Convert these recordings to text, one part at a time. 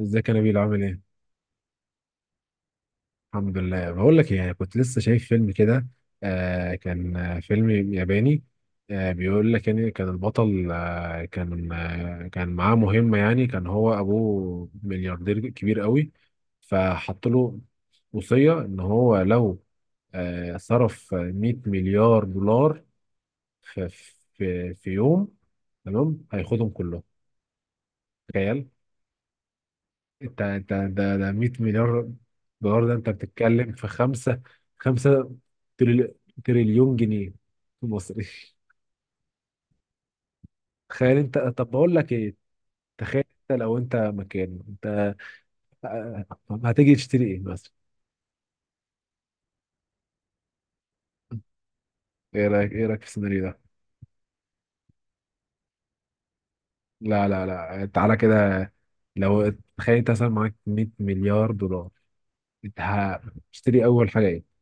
ازيك يا نبيل؟ عامل ايه؟ الحمد لله، بقول لك ايه، كنت لسه شايف فيلم كده. كان فيلم ياباني. بيقول لك يعني كان البطل كان معاه مهمة. يعني كان هو ابوه ملياردير كبير قوي، فحط له وصية ان هو لو صرف 100 مليار دولار في في يوم، تمام، هياخدهم كلهم. تخيل. انت ده 100 مليار دولار، ده انت بتتكلم في خمسة تريل- تريليون جنيه مصري. تخيل انت. طب بقول لك ايه، تخيل انت لو انت مكانه انت، آه، هتيجي تشتري ايه مثلا؟ ايه رايك في السيناريو ده؟ لا لا لا، تعالى كده، لو تخيل انت مثلا معاك 100 مليار دولار، انت هتشتري اول حاجه ايه؟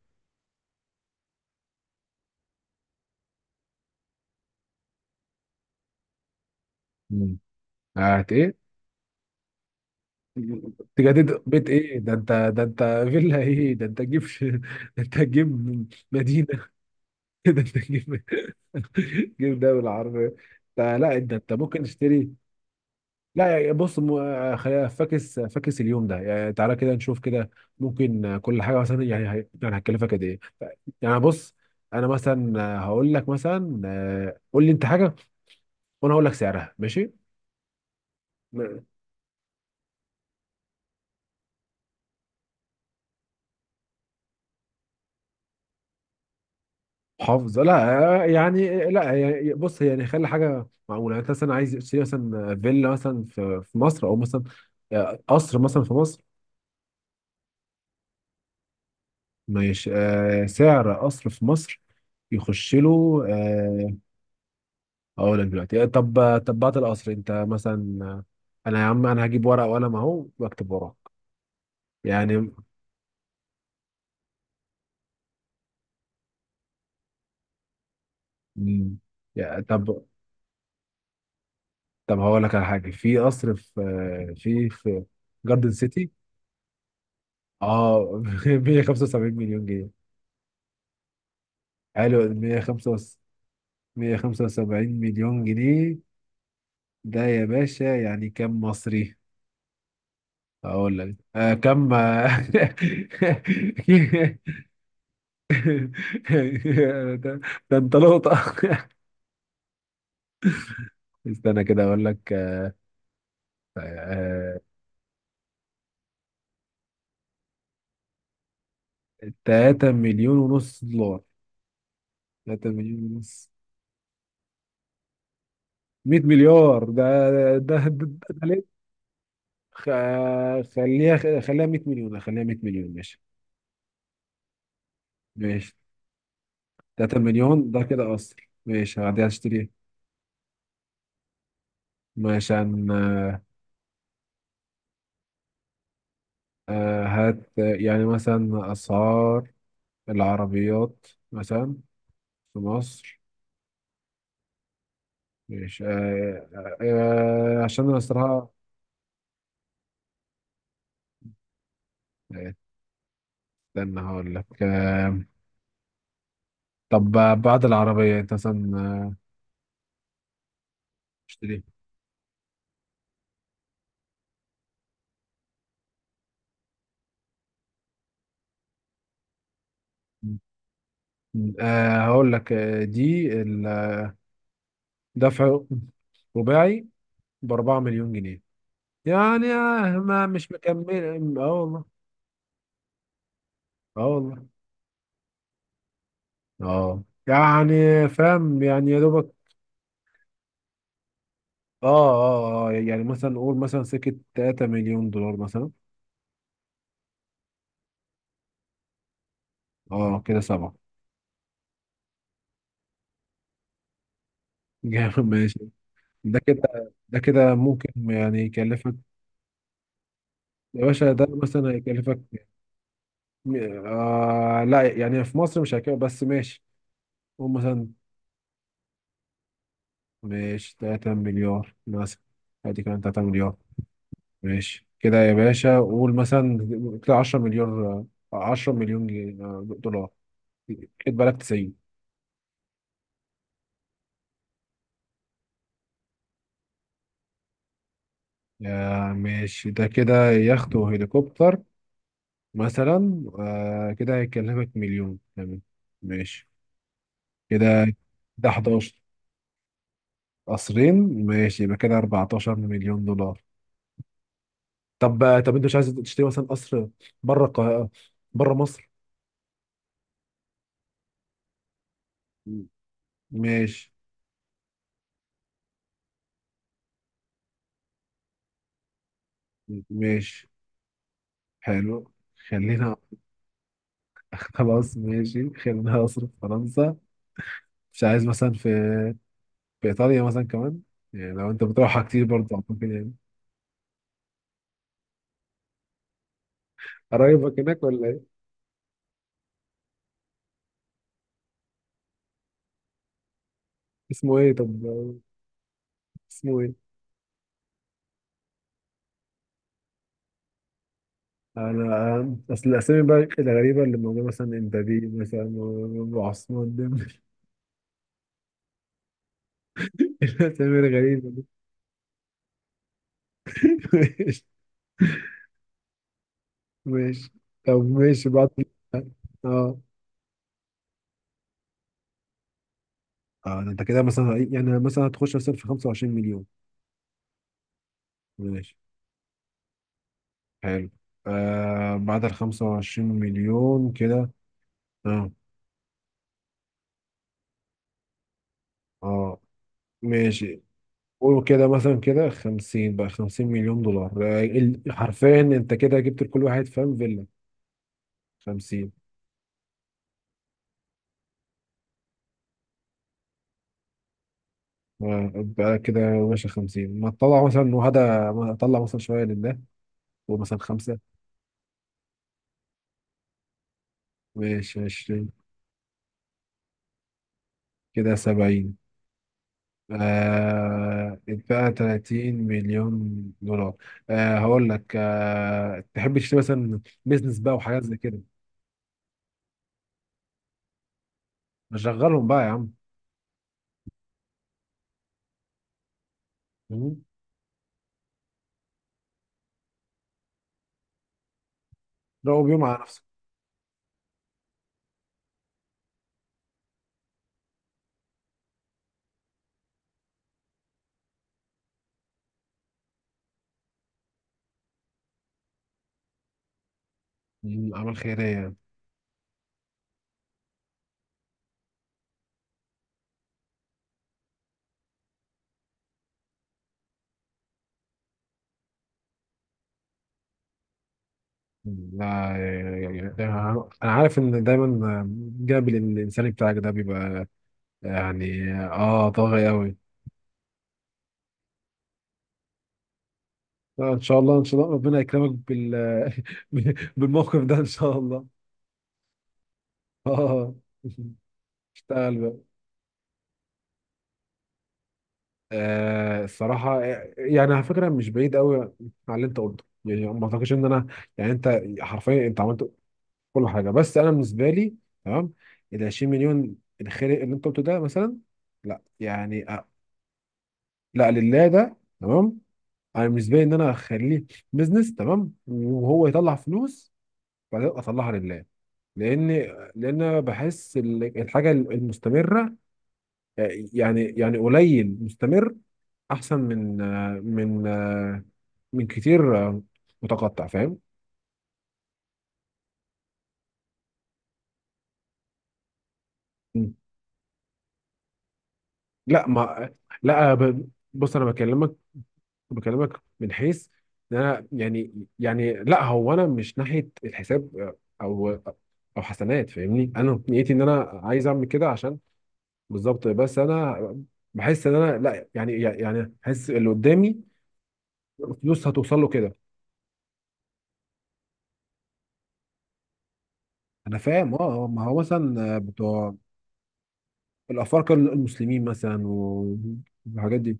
مم. هت ايه؟ تجدد بيت؟ ايه ده انت، ده انت فيلا؟ ايه ده انت تجيب ده، انت تجيب مدينه؟ ده انت تجيب دوله عربيه. ده لا، انت ممكن تشتري. لا يعني بص، خلينا فاكس اليوم ده يعني، تعالى كده نشوف كده ممكن كل حاجه مثلا، يعني يعني هتكلفك قد ايه. يعني بص، انا مثلا هقول لك مثلا، قول لي انت حاجه وانا هقول لك سعرها. ماشي، حافظ لا، لا يعني بص، يعني خلي حاجه معقوله، يعني انت مثلا عايز تشتري مثلا، فيلا مثلا في مصر، او مثلا قصر مثلا في مصر. ماشي، سعر قصر في مصر يخش له، اقول لك دلوقتي. طب، طب بعد القصر انت مثلا، انا يا عم، انا هجيب ورقه وقلم اهو واكتب وراك يعني. مم، يا- طب، طب هقول لك على حاجه. في قصر في، في جاردن سيتي. اه. 175 مليون جنيه. حلو، 175، 175 مليون جنيه. ده يا باشا يعني كم مصري؟ اقول لك آه كم آه، ده, ده انت لقطة. استنى كده اقول لك. آه 3 مليون ونص دولار، 3 مليون ونص. 100 مليار ده. ده ليه؟ خليها 100 مليون، خليها 100 مليون ماشي. ماشي، 3 مليون، ده كده قصر ماشي، هعدي اشتري مثلا. هات يعني مثلا أسعار العربيات مثلا في مصر، مش عشان أنا الصراحة آه، استنى هقول لك. طب بعد العربية، أنت مثلا اشتري. هقول لك، دي دفع رباعي ب4 مليون جنيه يعني، ما مش مكمل. اه والله، اه والله. اه يعني فاهم يعني، يا دوبك. اه اه اه، يعني مثلا نقول مثلا سكة 3 مليون دولار مثلا. اه كده 7. جامد ماشي. ده كده ممكن يعني يكلفك، يا باشا ده مثلا هيكلفك، آه لا يعني في مصر مش هيكلفك، بس ماشي قول مثلا. ماشي 3 مليار مثلا، ادي كمان 3 مليار. ماشي كده يا باشا، قول مثلا كده 10 مليار، 10 مليون جنيه، دولار. خد بالك، 90. آه ماشي، ده كده يخت وهليكوبتر مثلا، آه كده هيكلفك مليون. تمام، ماشي كده ده 11 قصرين. ماشي يبقى كده 14 مليون دولار. طب طب انت مش عايز تشتري مثلا قصر بره القاهرة، بره مصر؟ ماشي، ماشي، حلو، خلينا. خلاص ماشي، خلينا قصر في فرنسا. مش عايز مثلا في ايطاليا مثلا كمان؟ يعني لو انت بتروحها كتير برضه ممكن يعني. قرايبك هناك ولا ايه؟ اسمه ايه طب؟ اسمه ايه؟ انا اصل الاسامي بقى الغريبه اللي موجوده، مثلا امبابي مثلا، وابو عثمان ديمبلي. الاسامي الغريبه دي. ماشي. ماشي طب، ماشي بعد. اه، اه، ده انت كده مثلا يعني مثلا هتخش مثلا في 25 مليون. ماشي، حلو. آه بعد ال 25 مليون كده، اه اه، ماشي. قولوا كده مثلا، كده 50 بقى، 50 مليون دولار. حرفيا انت كده جبت لكل واحد، فاهم، فيلا. 50 بقى كده. ماشي، 50 ما تطلع مثلا، وهذا ما اطلع مثلا شويه لله، ومثلا 5. ماشي، 20. كده 70. آه بقى 30 مليون دولار. آه هقول لك، تحب تشتري مثلا بيزنس بقى وحاجات زي كده؟ شغلهم بقى يا عم. مم. روقوا بيهم على نفسك. مم، اعمال خيريه يعني. مم، لا يعني، يعني، انا عارف ان دايما جانب الانساني بتاعك ده بيبقى يعني، اه، طاغي قوي. ان شاء الله، ان شاء الله ربنا يكرمك بال بالموقف ده ان شاء الله. اه، اشتغل بقى. آه الصراحه يعني، على فكره مش بعيد قوي على اللي انت قلته، يعني ما اعتقدش ان انا، يعني انت حرفيا انت عملت كل حاجه، بس انا بالنسبه لي تمام. ال 20 مليون الخير اللي انت قلته ده مثلا، لا يعني لا لله ده تمام. انا بالنسبه لي ان انا اخليه بزنس تمام، وهو يطلع فلوس، بعدين أبقى اطلعها لله. لان لان أنا بحس الحاجه المستمره، يعني، يعني قليل مستمر احسن من، من من كتير متقطع، فاهم. مم. لا ما، لا بص انا بكلمك، بكلمك من حيث إن انا يعني، لا هو انا مش ناحيه الحساب، او او حسنات، فاهمني. انا نيتي ان انا عايز اعمل كده عشان، بالظبط، بس انا بحس ان انا لا يعني، احس اللي قدامي فلوس هتوصل له كده. انا فاهم، اه، ما هو مثلا بتوع الافارقه المسلمين مثلا والحاجات دي.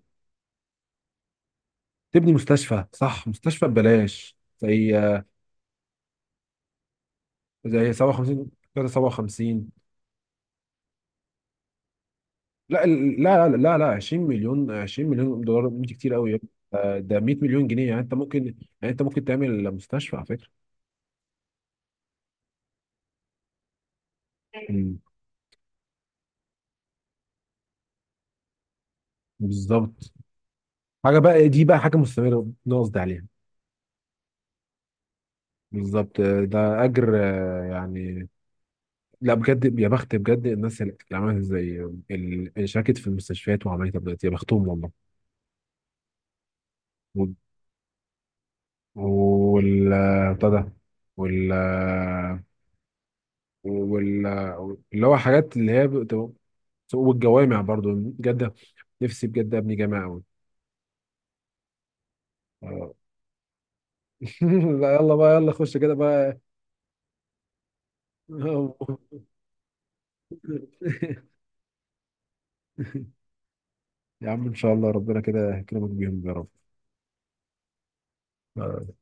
تبني مستشفى، صح، مستشفى ببلاش زي 57 كده، 57. لا لا لا لا لا، 20 مليون، 20 مليون دولار دي كتير قوي يا ابني. ده 100 مليون جنيه، يعني انت ممكن يعني، انت ممكن تعمل مستشفى على فكره. مم. بالظبط، حاجه بقى دي، بقى حاجه مستمره، ده قصدي عليها. بالظبط، ده اجر يعني. لا بجد، يا بخت بجد الناس اللي عملت زي اللي شاركت في المستشفيات وعملت تبديلات، يا بختهم والله. وال بتاع ده، وال وال اللي هو حاجات اللي هي والجوامع برضو. جدة، نفسي بجد ابني جامع قوي. آه. لا يلا بقى، يلا خش كده بقى. يا عم ان شاء الله ربنا كده يكرمك بيهم يا رب. آه،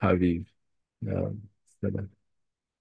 حبيبي، يلا سلام.